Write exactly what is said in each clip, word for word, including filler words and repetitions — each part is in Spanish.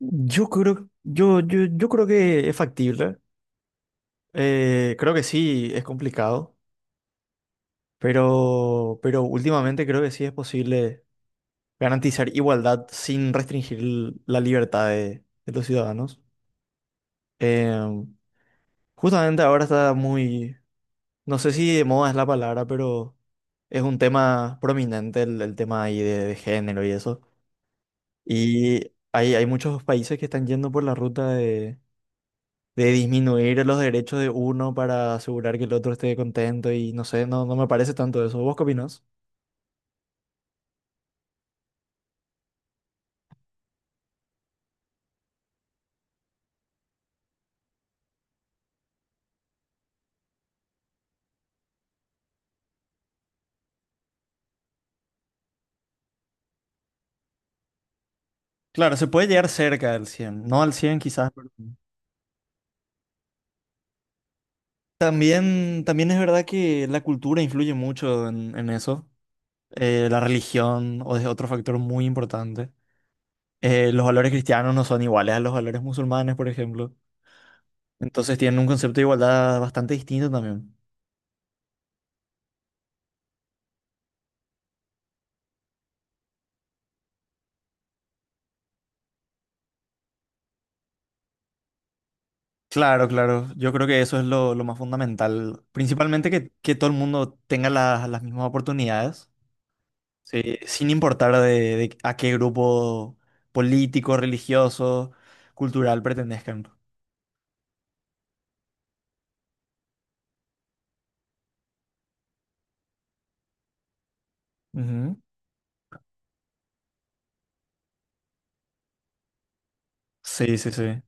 Yo creo, yo, yo, yo creo que es factible. Eh, creo que sí, es complicado, pero, pero últimamente creo que sí es posible garantizar igualdad sin restringir l- la libertad de, de los ciudadanos. Eh, Justamente ahora está muy, no sé si de moda es la palabra, pero es un tema prominente el, el tema ahí de, de género y eso. Y hay, hay muchos países que están yendo por la ruta de disminuir los derechos de uno para asegurar que el otro esté contento y no sé, no, no me parece tanto eso. ¿Vos qué opinás? Claro, se puede llegar cerca del cien, no al cien quizás, pero... También, también es verdad que la cultura influye mucho en, en eso. Eh, la religión o es otro factor muy importante. Eh, los valores cristianos no son iguales a los valores musulmanes, por ejemplo. Entonces tienen un concepto de igualdad bastante distinto también. Claro, claro. Yo creo que eso es lo, lo más fundamental. Principalmente que, que todo el mundo tenga las las mismas oportunidades, sí, sin importar de, de a qué grupo político, religioso, cultural pertenezcan. Ujú. Sí, sí, sí.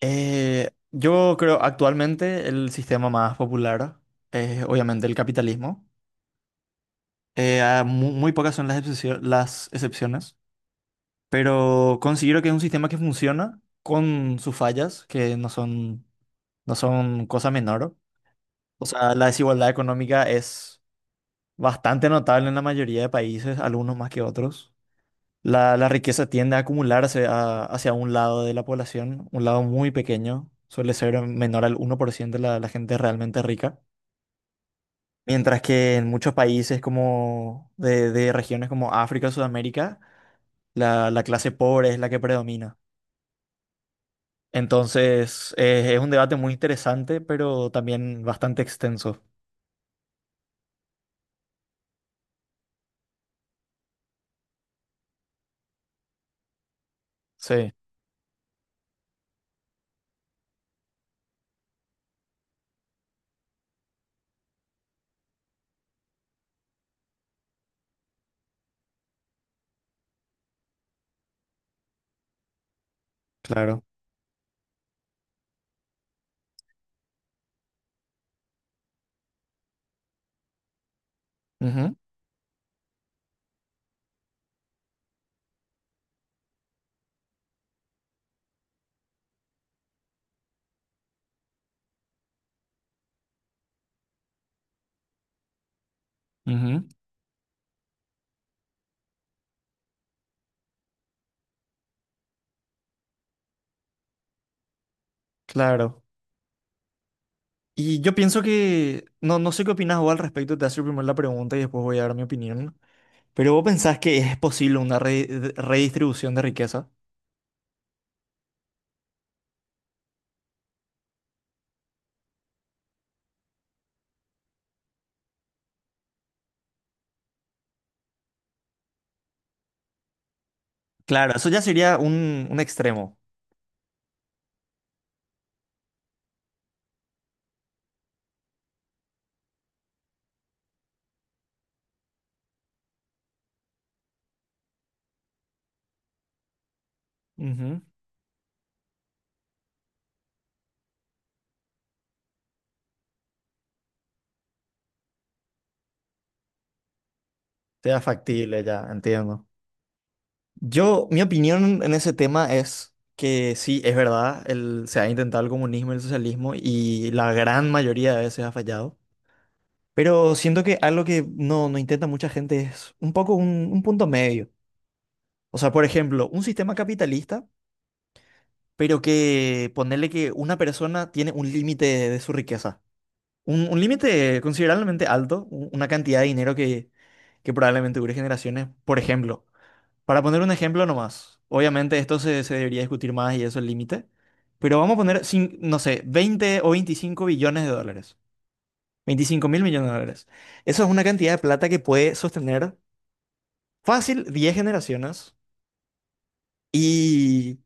Eh, yo creo actualmente el sistema más popular es obviamente el capitalismo. Eh, ah, mu- muy pocas son las excepcio- las excepciones, pero considero que es un sistema que funciona con sus fallas, que no son... no son cosas menores. O sea, la desigualdad económica es bastante notable en la mayoría de países, algunos más que otros. La, la riqueza tiende a acumularse a- hacia un lado de la población, un lado muy pequeño, suele ser menor al uno por ciento la, la gente realmente rica. Mientras que en muchos países como de, de regiones como África, Sudamérica, la, la clase pobre es la que predomina. Entonces, eh, es un debate muy interesante, pero también bastante extenso. Sí, claro. Ujú. Ujú, claro. Y yo pienso que, no, no sé qué opinas vos al respecto, te hace primero la pregunta y después voy a dar mi opinión, pero vos pensás que es posible una re- de- redistribución de riqueza. Claro, eso ya sería un, un extremo. Ujú, sea factible, ya, entiendo. Yo, mi opinión en ese tema es que sí, es verdad, el, se ha intentado el comunismo y el socialismo y la gran mayoría de veces ha fallado, pero siento que algo que no, no intenta mucha gente es un poco un un punto medio. O sea, por ejemplo, un sistema capitalista, pero que ponerle que una persona tiene un límite de, de su riqueza. Un, un límite considerablemente alto, u- una cantidad de dinero que, que probablemente dure generaciones. Por ejemplo, para poner un ejemplo nomás, obviamente esto se, se debería discutir más y eso es el límite, pero vamos a poner, cin- no sé, veinte o veinticinco billones de dólares. veinticinco mil millones de dólares. Eso es una cantidad de plata que puede sostener fácil diez generaciones. Y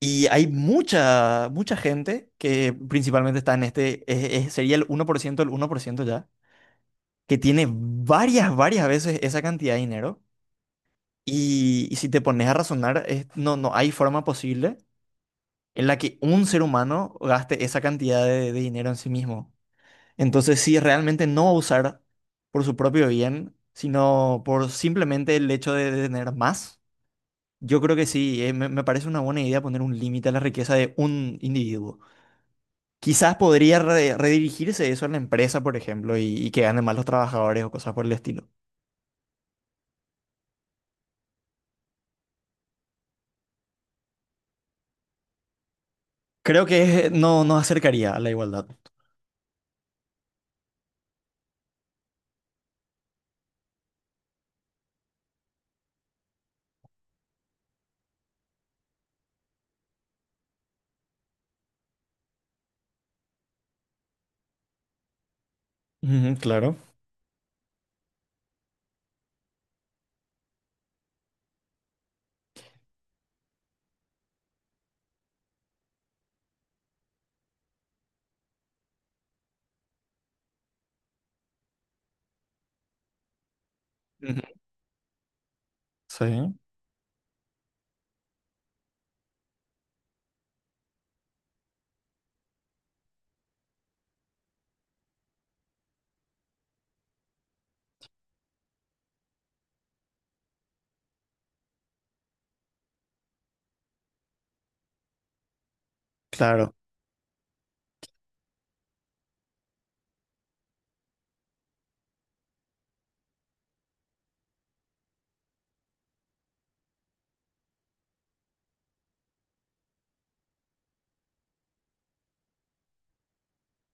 Y hay mucha, mucha gente que principalmente está en este, es- es- sería el uno por ciento, el uno por ciento ya, que tiene varias, varias veces esa cantidad de dinero. Y, y si te pones a razonar, es- no, no hay forma posible en la que un ser humano gaste esa cantidad de, de dinero en sí mismo. Entonces, si realmente no va a usar por su propio bien, sino por simplemente el hecho de, de tener más, yo creo que sí, eh, me me parece una buena idea poner un límite a la riqueza de un individuo. Quizás podría re- redirigirse eso a la empresa, por ejemplo, y, y que ganen más los trabajadores o cosas por el estilo. Creo que no nos acercaría a la igualdad. Ujú, claro. Ujú. Sí, claro.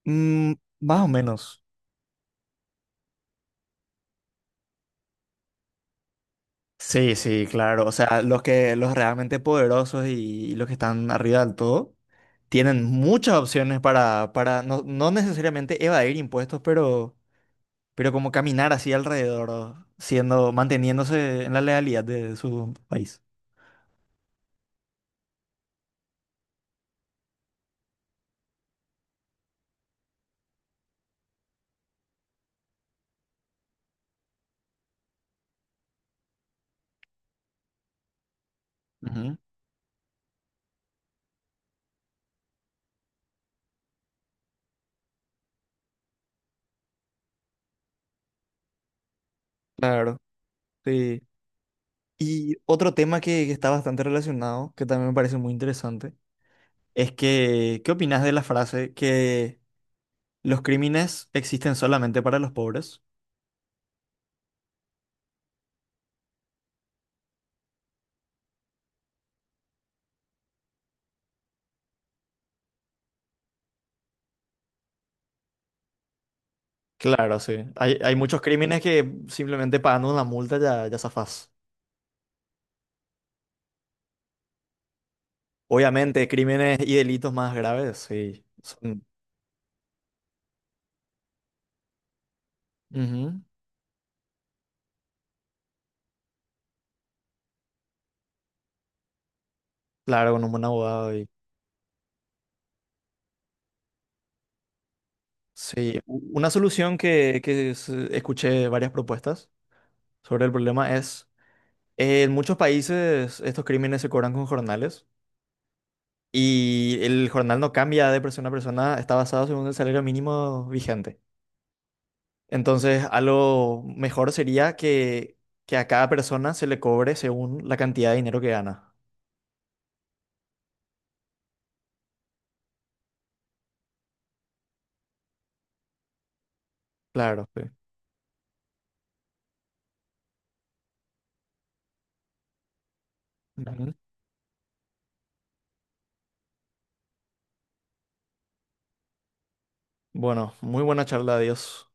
Mm, más o menos. Sí, sí, claro. O sea, los que, los realmente poderosos y, los que están arriba del todo tienen muchas opciones para, para no, no necesariamente evadir impuestos, pero, pero como caminar así alrededor, siendo, manteniéndose en la legalidad de su país. Ujú. Claro, sí. Y otro tema que, que está bastante relacionado, que también me parece muy interesante, es que, ¿qué opinas de la frase que los crímenes existen solamente para los pobres? Claro, sí. Hay, hay muchos crímenes que simplemente pagando una multa ya, ya zafás. Obviamente, crímenes y delitos más graves, sí. Son, ujú. Claro, con un buen abogado y... Sí, u- una solución que, que se- escuché varias propuestas sobre el problema es... En muchos países estos crímenes se cobran con jornales y el jornal no cambia de persona a persona, está basado según el salario mínimo vigente. Entonces, a lo mejor sería que, que a cada persona se le cobre según la cantidad de dinero que gana. Claro, sí. Ujú. Bueno, muy buena charla, adiós.